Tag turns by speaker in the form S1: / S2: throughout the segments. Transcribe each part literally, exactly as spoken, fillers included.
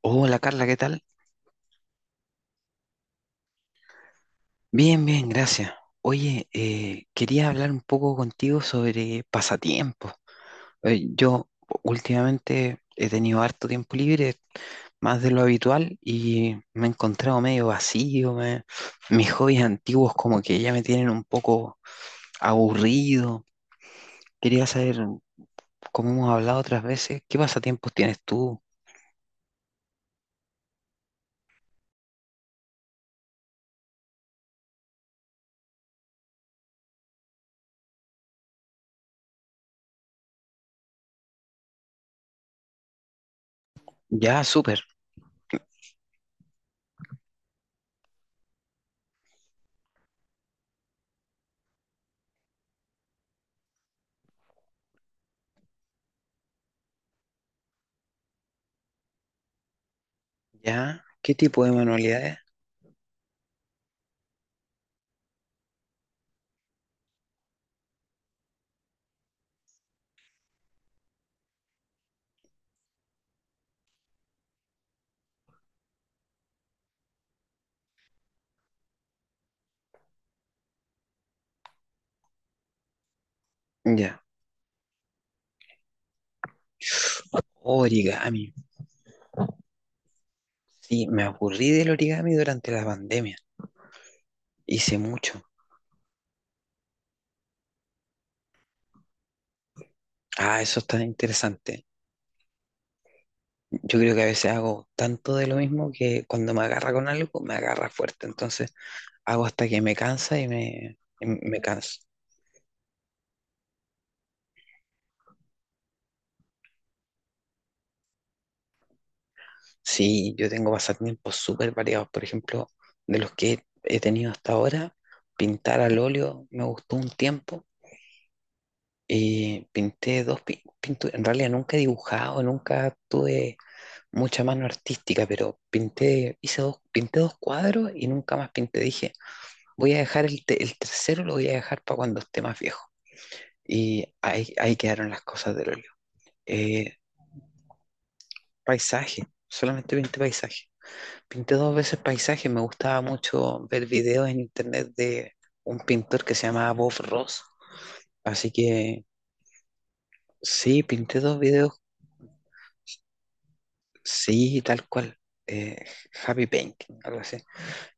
S1: Hola Carla, ¿qué tal? Bien, bien, gracias. Oye, eh, quería hablar un poco contigo sobre pasatiempos. Eh, yo últimamente he tenido harto tiempo libre, más de lo habitual, y me he encontrado medio vacío. Me- mis hobbies antiguos como que ya me tienen un poco aburrido. Quería saber, como hemos hablado otras veces, ¿qué pasatiempos tienes tú? Ya, súper. Ya, ¿qué tipo de manualidades? Ya. Oh, origami. Sí, me aburrí del origami durante la pandemia. Hice mucho. Ah, eso está interesante. Yo creo que a veces hago tanto de lo mismo que cuando me agarra con algo, me agarra fuerte. Entonces hago hasta que me cansa y me, y me canso. Sí, yo tengo pasatiempos súper variados. Por ejemplo, de los que he tenido hasta ahora, pintar al óleo me gustó un tiempo. Y pinté dos pi- pinturas. En realidad nunca he dibujado, nunca tuve mucha mano artística, pero pinté, hice dos, pinté dos cuadros y nunca más pinté. Dije, voy a dejar el, te- el tercero, lo voy a dejar para cuando esté más viejo. Y ahí, ahí quedaron las cosas del óleo. Eh, paisaje, solamente pinté paisaje. Pinté dos veces paisaje, me gustaba mucho ver videos en internet de un pintor que se llamaba Bob Ross. Así que sí, pinté dos videos, sí, tal cual. Eh, Happy Painting, algo así.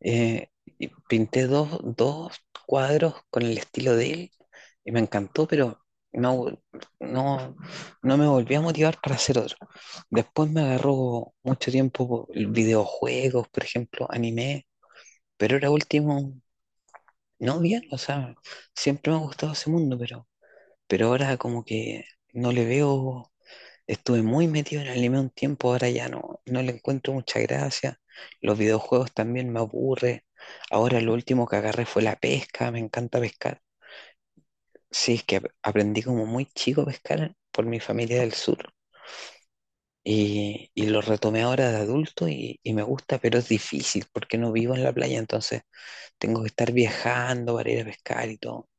S1: Eh, y pinté dos, dos cuadros con el estilo de él y me encantó, pero no, no, no me volví a motivar para hacer otro. Después me agarró mucho tiempo videojuegos, por ejemplo, anime, pero era último, no bien, o sea, siempre me ha gustado ese mundo, pero, pero ahora como que no le veo. Estuve muy metido en el anime un tiempo, ahora ya no, no le encuentro mucha gracia. Los videojuegos también me aburre. Ahora lo último que agarré fue la pesca, me encanta pescar. Sí, es que ap- aprendí como muy chico a pescar por mi familia del sur y, y lo retomé ahora de adulto y, y me gusta, pero es difícil porque no vivo en la playa, entonces tengo que estar viajando para ir a pescar y todo.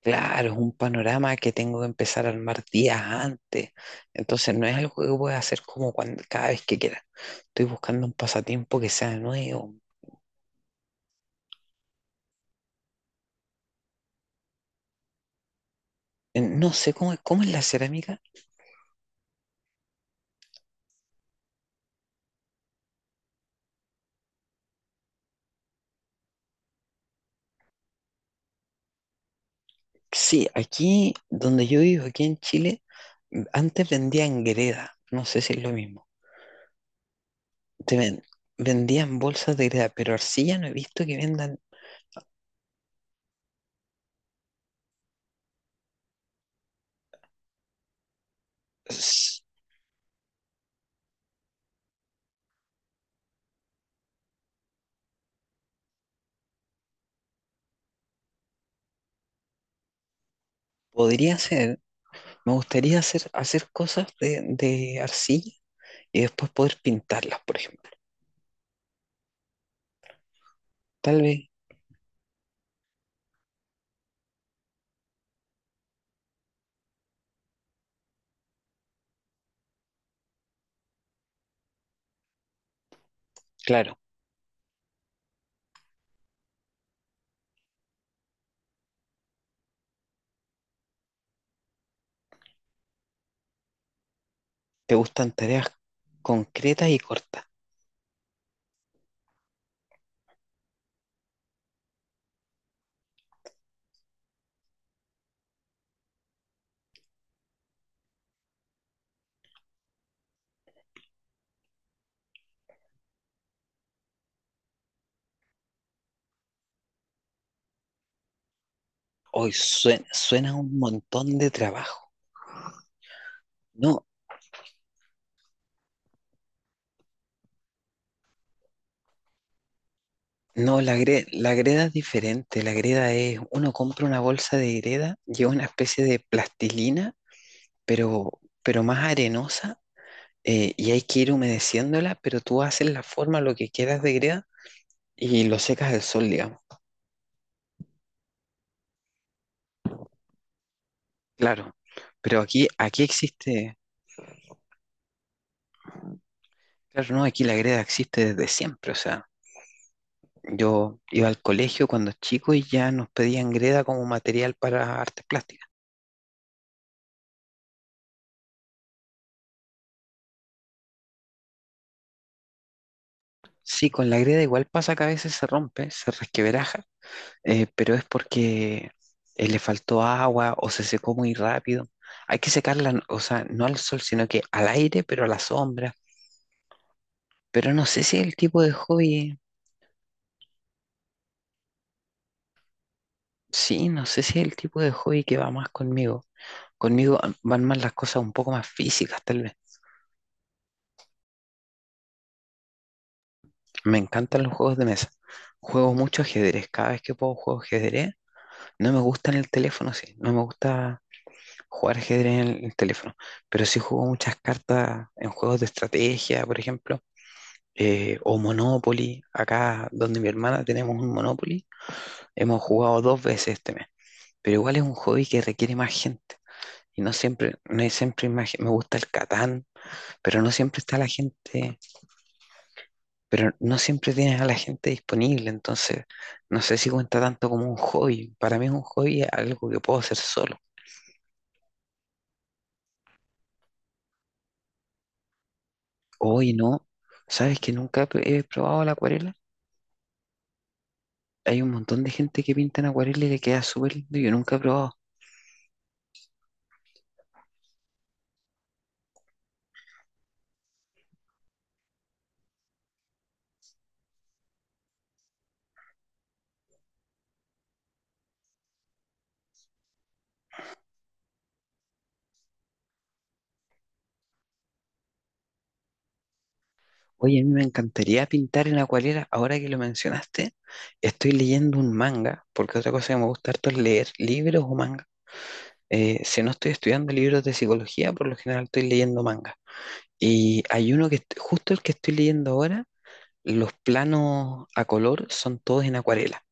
S1: Claro, es un panorama que tengo que empezar a armar días antes. Entonces no es algo que pueda hacer como cuando, cada vez que quiera. Estoy buscando un pasatiempo que sea nuevo. Eh, No sé cómo, es- cómo es la cerámica. Sí, aquí donde yo vivo, aquí en Chile, m- antes vendían greda. No sé si es lo mismo. Te ven- vendían bolsas de greda, pero arcilla no he visto que vendan. S- Podría ser, me gustaría hacer, hacer cosas de, de arcilla y después poder pintarlas, por ejemplo. Tal vez claro, te gustan tareas concretas y cortas. Hoy suena, suena un montón de trabajo. No, no, la, gre- la greda es diferente. La greda es, uno compra una bolsa de greda, lleva una especie de plastilina, pero, pero más arenosa, eh, y hay que ir humedeciéndola, pero tú haces la forma, lo que quieras de greda, y lo secas al sol, digamos. Claro, pero aquí, aquí existe, claro, no, aquí la greda existe desde siempre, o sea. Yo iba al colegio cuando chico y ya nos pedían greda como material para artes plásticas. Sí, con la greda igual pasa que a veces se rompe, se resquebraja, eh, pero es porque eh, le faltó agua o se secó muy rápido. Hay que secarla, n- o sea, no al sol, sino que al aire, pero a la sombra. Pero no sé si es el tipo de hobby, sí, no sé si es el tipo de hobby que va más conmigo. Conmigo ah, van más las cosas un poco más físicas, tal vez. Me encantan los juegos de mesa. Juego mucho ajedrez. Cada vez que puedo juego ajedrez. No me gusta en el teléfono, sí. No me gusta jugar ajedrez en el, el teléfono. Pero sí juego muchas cartas en juegos de estrategia, por ejemplo. eh, o Monopoly. Acá donde mi hermana tenemos un Monopoly. Hemos jugado dos veces este mes. Pero igual es un hobby que requiere más gente. Y no siempre, no es siempre hay más gen- me gusta el Catán, pero no siempre está la gente, pero no siempre tienes a la gente disponible, entonces no sé si cuenta tanto como un hobby. Para mí es un hobby algo que puedo hacer solo. Hoy no, ¿sabes que nunca he he probado la acuarela? Hay un montón de gente que pinta en acuarela y le queda súper lindo, yo nunca he probado. Oye, a mí me encantaría pintar en acuarela, ahora que lo mencionaste, estoy leyendo un manga, porque otra cosa que me gusta harto es leer libros o manga. Eh, si no estoy estudiando libros de psicología, por lo general estoy leyendo manga. Y hay uno que est- justo el que estoy leyendo ahora. Los planos a color son todos en acuarela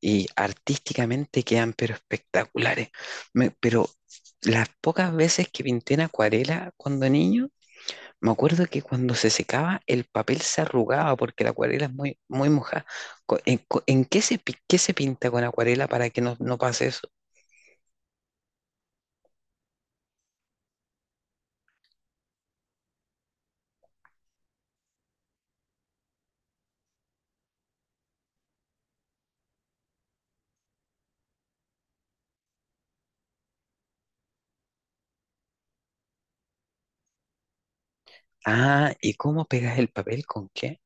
S1: y artísticamente quedan pero espectaculares. Me- pero las pocas veces que pinté en acuarela cuando niño, me acuerdo que cuando se secaba el papel se arrugaba porque la acuarela es muy, muy mojada. Co- ¿En, co- en qué se, pi- qué se pinta con acuarela para que no, no pase eso? Ah, ¿y cómo pegas el papel? ¿Con qué?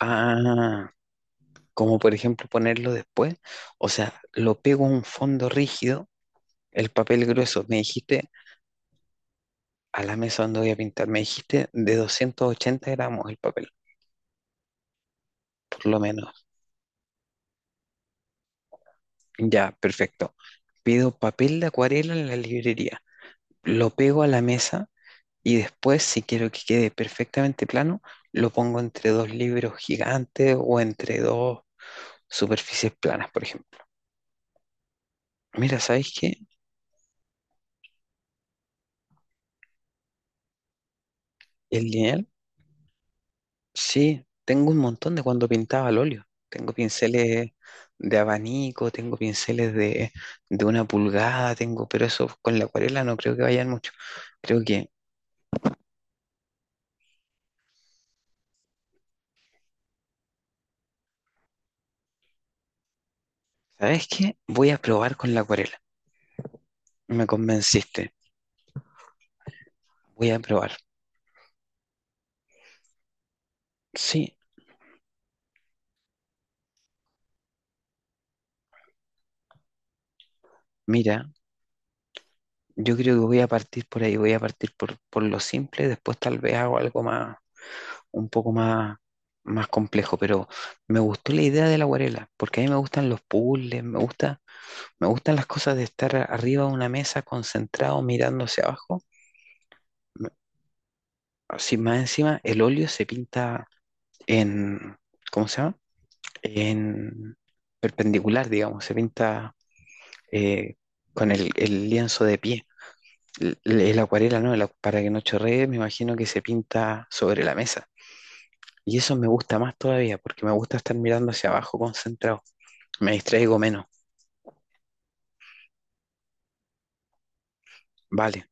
S1: Ah, como por ejemplo ponerlo después. O sea, lo pego a un fondo rígido. El papel grueso, me dijiste, a la mesa donde voy a pintar, me dijiste de doscientos ochenta gramos el papel, por lo menos. Ya, perfecto. Pido papel de acuarela en la librería, lo pego a la mesa y después, si quiero que quede perfectamente plano, lo pongo entre dos libros gigantes o entre dos superficies planas, por ejemplo. Mira, ¿sabes qué? El lineal sí, tengo un montón de cuando pintaba al óleo. Tengo pinceles de abanico, tengo pinceles de, de una pulgada, tengo, pero eso con la acuarela no creo que vayan mucho. Creo que, ¿sabes qué? Voy a probar con la acuarela. Me convenciste. Voy a probar. Sí, mira, yo creo que voy a partir por ahí, voy a partir por, por lo simple, después tal vez hago algo más, un poco más, más complejo, pero me gustó la idea de la acuarela, porque a mí me gustan los puzzles, me gusta. Me gustan las cosas de estar arriba de una mesa concentrado mirando hacia abajo. Así más encima, el óleo se pinta en, ¿cómo se llama? En perpendicular, digamos, se pinta eh, con el, el lienzo de pie. El, el acuarela, ¿no? El acu- para que no chorree, me imagino que se pinta sobre la mesa. Y eso me gusta más todavía, porque me gusta estar mirando hacia abajo concentrado. Me distraigo menos. Vale.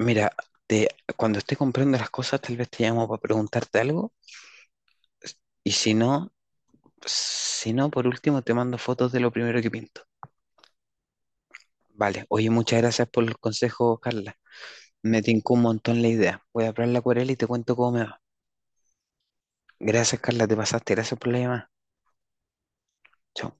S1: Mira, te- cuando esté comprando las cosas, tal vez te llamo para preguntarte algo. Y si no, si no, por último te mando fotos de lo primero que pinto. Vale, oye, muchas gracias por el consejo, Carla. Me tincó un montón la idea. Voy a probar la acuarela y te cuento cómo me va. Gracias, Carla, te pasaste. Gracias por la llamada. Chao.